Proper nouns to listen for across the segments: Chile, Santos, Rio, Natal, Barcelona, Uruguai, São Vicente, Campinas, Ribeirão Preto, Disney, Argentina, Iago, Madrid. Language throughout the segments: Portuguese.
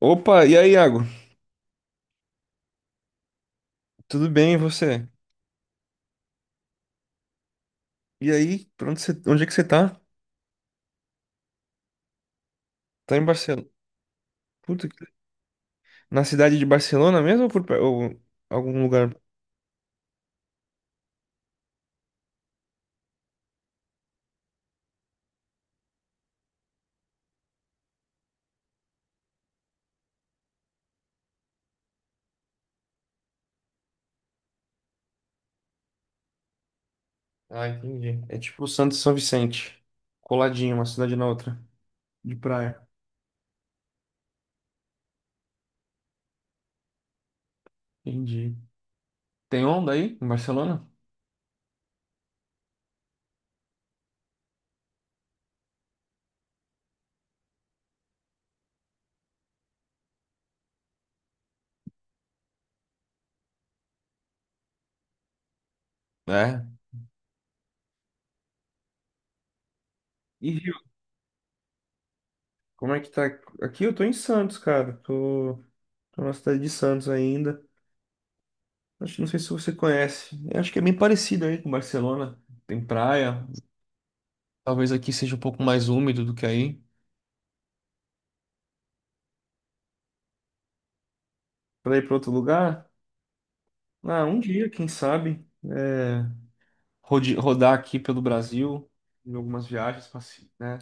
Opa, e aí, Iago? Tudo bem, e você? E aí, onde é que você tá? Tá em Barcelona. Puta, na cidade de Barcelona mesmo ou, ou algum lugar? Ah, entendi. É tipo Santos e São Vicente. Coladinho, uma cidade na outra. De praia. Entendi. Tem onda aí em Barcelona? É. E Rio? Como é que tá? Aqui eu tô em Santos, cara. Tô na cidade de Santos ainda. Acho que não sei se você conhece. Eu acho que é bem parecido aí com Barcelona. Tem praia. Talvez aqui seja um pouco mais úmido do que aí. Para ir para outro lugar? Ah, um dia, quem sabe? É, rodar aqui pelo Brasil, em algumas viagens, pra né?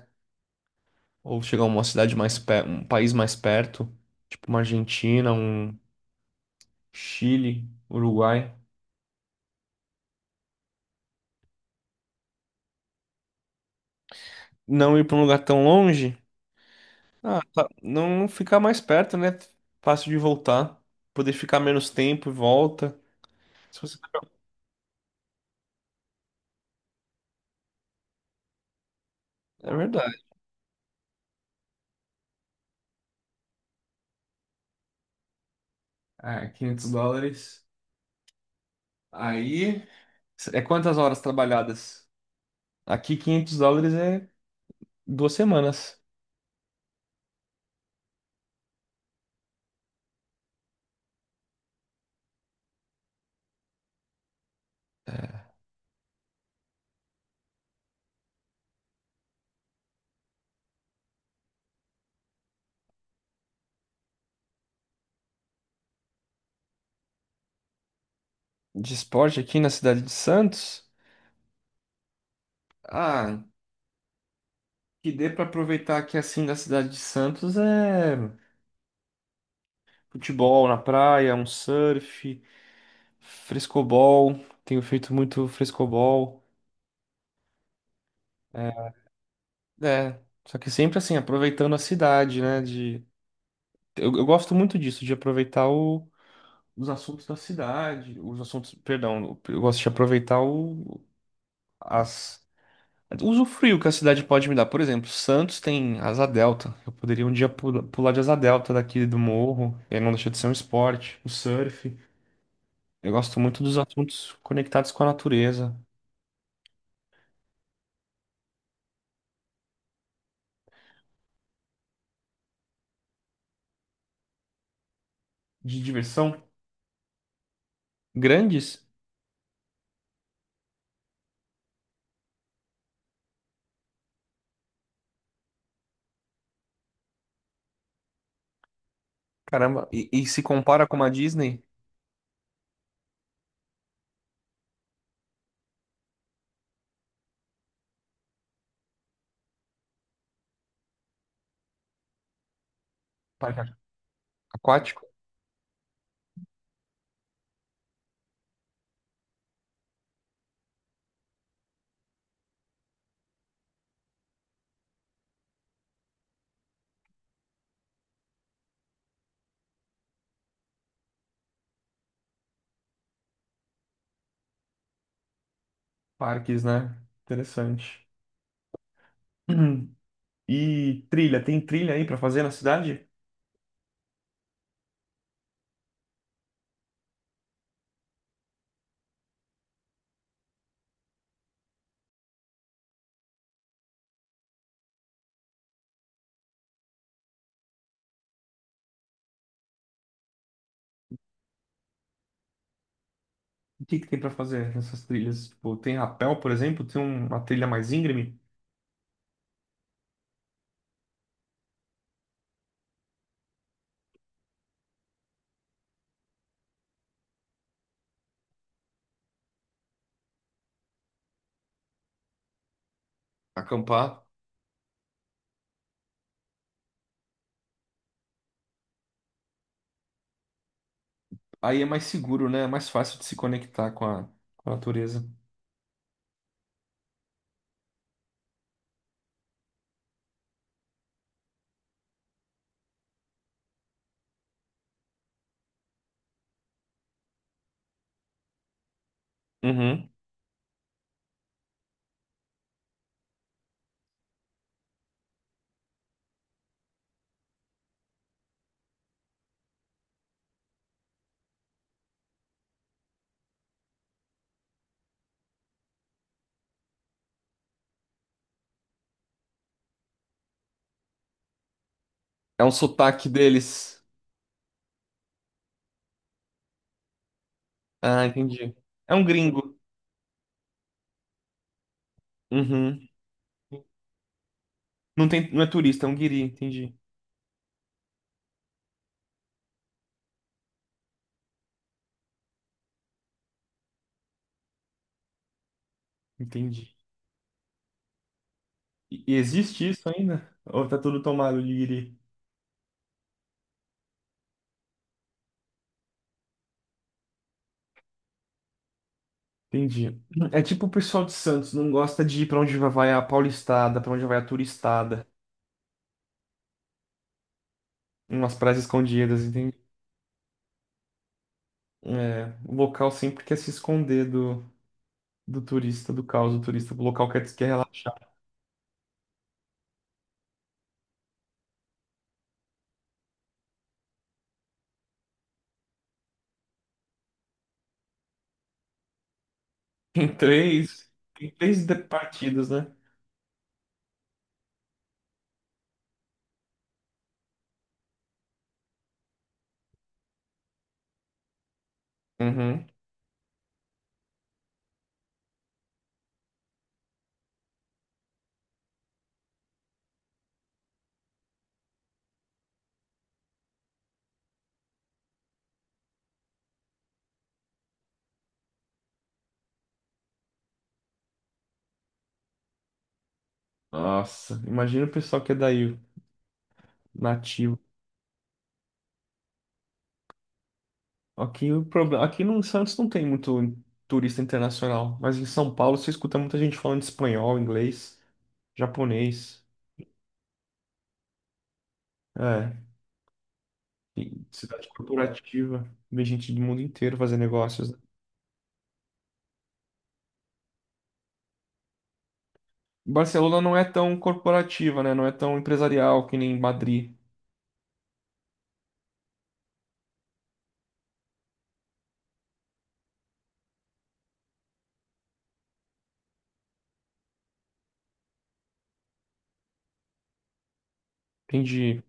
Ou chegar a uma cidade mais perto, um país mais perto, tipo uma Argentina, um Chile, Uruguai. Não ir para um lugar tão longe? Ah, tá. Não ficar mais perto, né? Fácil de voltar. Poder ficar menos tempo e volta. Se você- É verdade. É, 500 dólares. Aí. É quantas horas trabalhadas? Aqui, 500 dólares é 2 semanas. De esporte aqui na cidade de Santos. Ah, que dê para aproveitar aqui assim da cidade de Santos é futebol na praia, um surf, frescobol. Tenho feito muito frescobol. É, é, só que sempre assim, aproveitando a cidade, né? De... Eu gosto muito disso, de aproveitar os assuntos da cidade, os assuntos, perdão, eu gosto de aproveitar o, as Usufruir o que a cidade pode me dar. Por exemplo, Santos tem asa delta. Eu poderia um dia pular de asa delta daqui do morro. E aí não deixa de ser um esporte. O surf. Eu gosto muito dos assuntos conectados com a natureza. De diversão. Grandes. Caramba. E se compara com uma Disney. Parque aquático. Parques, né? Interessante. Hum. E trilha. Tem trilha aí pra fazer na cidade? O que que tem pra fazer nessas trilhas? Tipo, tem rapel, por exemplo? Tem uma trilha mais íngreme? Acampar. Aí é mais seguro, né? É mais fácil de se conectar com a natureza. Uhum. É um sotaque deles. Ah, entendi. É um gringo. Uhum. Não tem, não é turista, é um guiri. Entendi. Entendi. E existe isso ainda? Ou tá tudo tomado de guiri? Entendi. É tipo o pessoal de Santos, não gosta de ir pra onde vai a paulistada, pra onde vai a turistada. Umas praias escondidas, entende? É, o local sempre quer se esconder do turista, do caos, do turista. O local quer relaxar. Em três, em três partidas, né? Uhum. Nossa, imagina o pessoal que é daí, nativo. Aqui, o problema, aqui no Santos não tem muito turista internacional, mas em São Paulo você escuta muita gente falando espanhol, inglês, japonês. É, cidade corporativa, vem gente do mundo inteiro fazer negócios, né? Barcelona não é tão corporativa, né? Não é tão empresarial que nem Madrid. Entendi.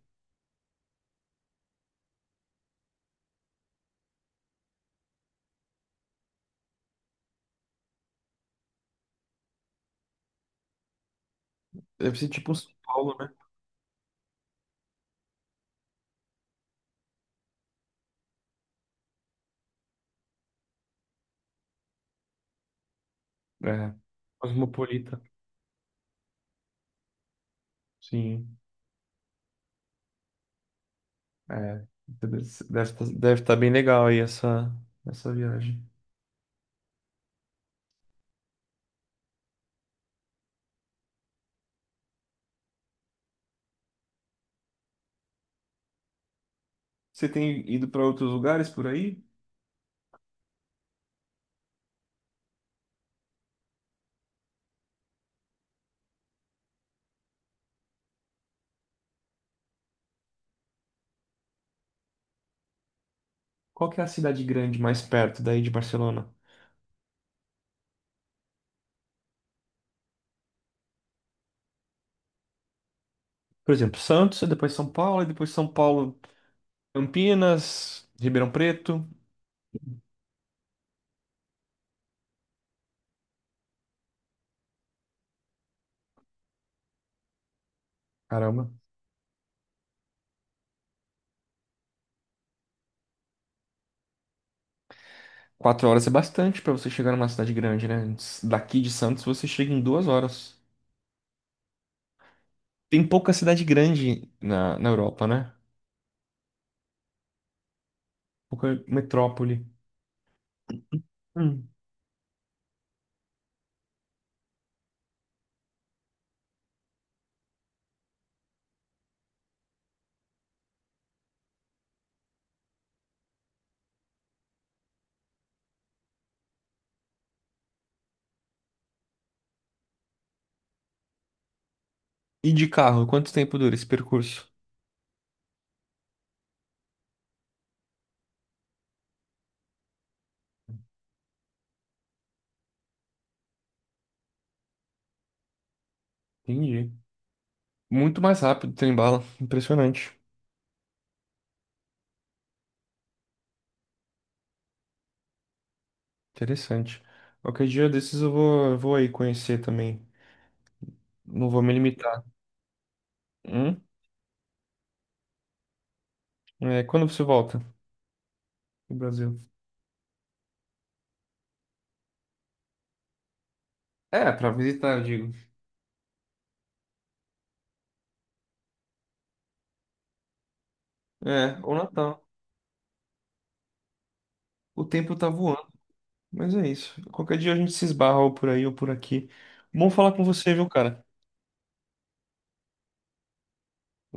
Deve ser tipo um São Paulo, né? É, cosmopolita. Sim. É, deve estar bem legal aí essa viagem. Você tem ido para outros lugares por aí? Qual que é a cidade grande mais perto daí de Barcelona? Por exemplo, Santos, e depois São Paulo, Campinas, Ribeirão Preto. Caramba. 4 horas é bastante para você chegar numa cidade grande, né? Daqui de Santos você chega em 2 horas. Tem pouca cidade grande na Europa, né? Pouca metrópole. Hum. E de carro, quanto tempo dura esse percurso? Entendi. Muito mais rápido trem-bala. Impressionante. Interessante. Qualquer dia desses eu vou aí conhecer também. Não vou me limitar. Hum? É, quando você volta pro Brasil? É, pra visitar, eu digo. É, ou Natal. O tempo tá voando, mas é isso. Qualquer dia a gente se esbarra ou por aí ou por aqui. Bom falar com você, viu, cara?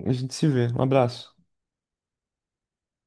A gente se vê. Um abraço.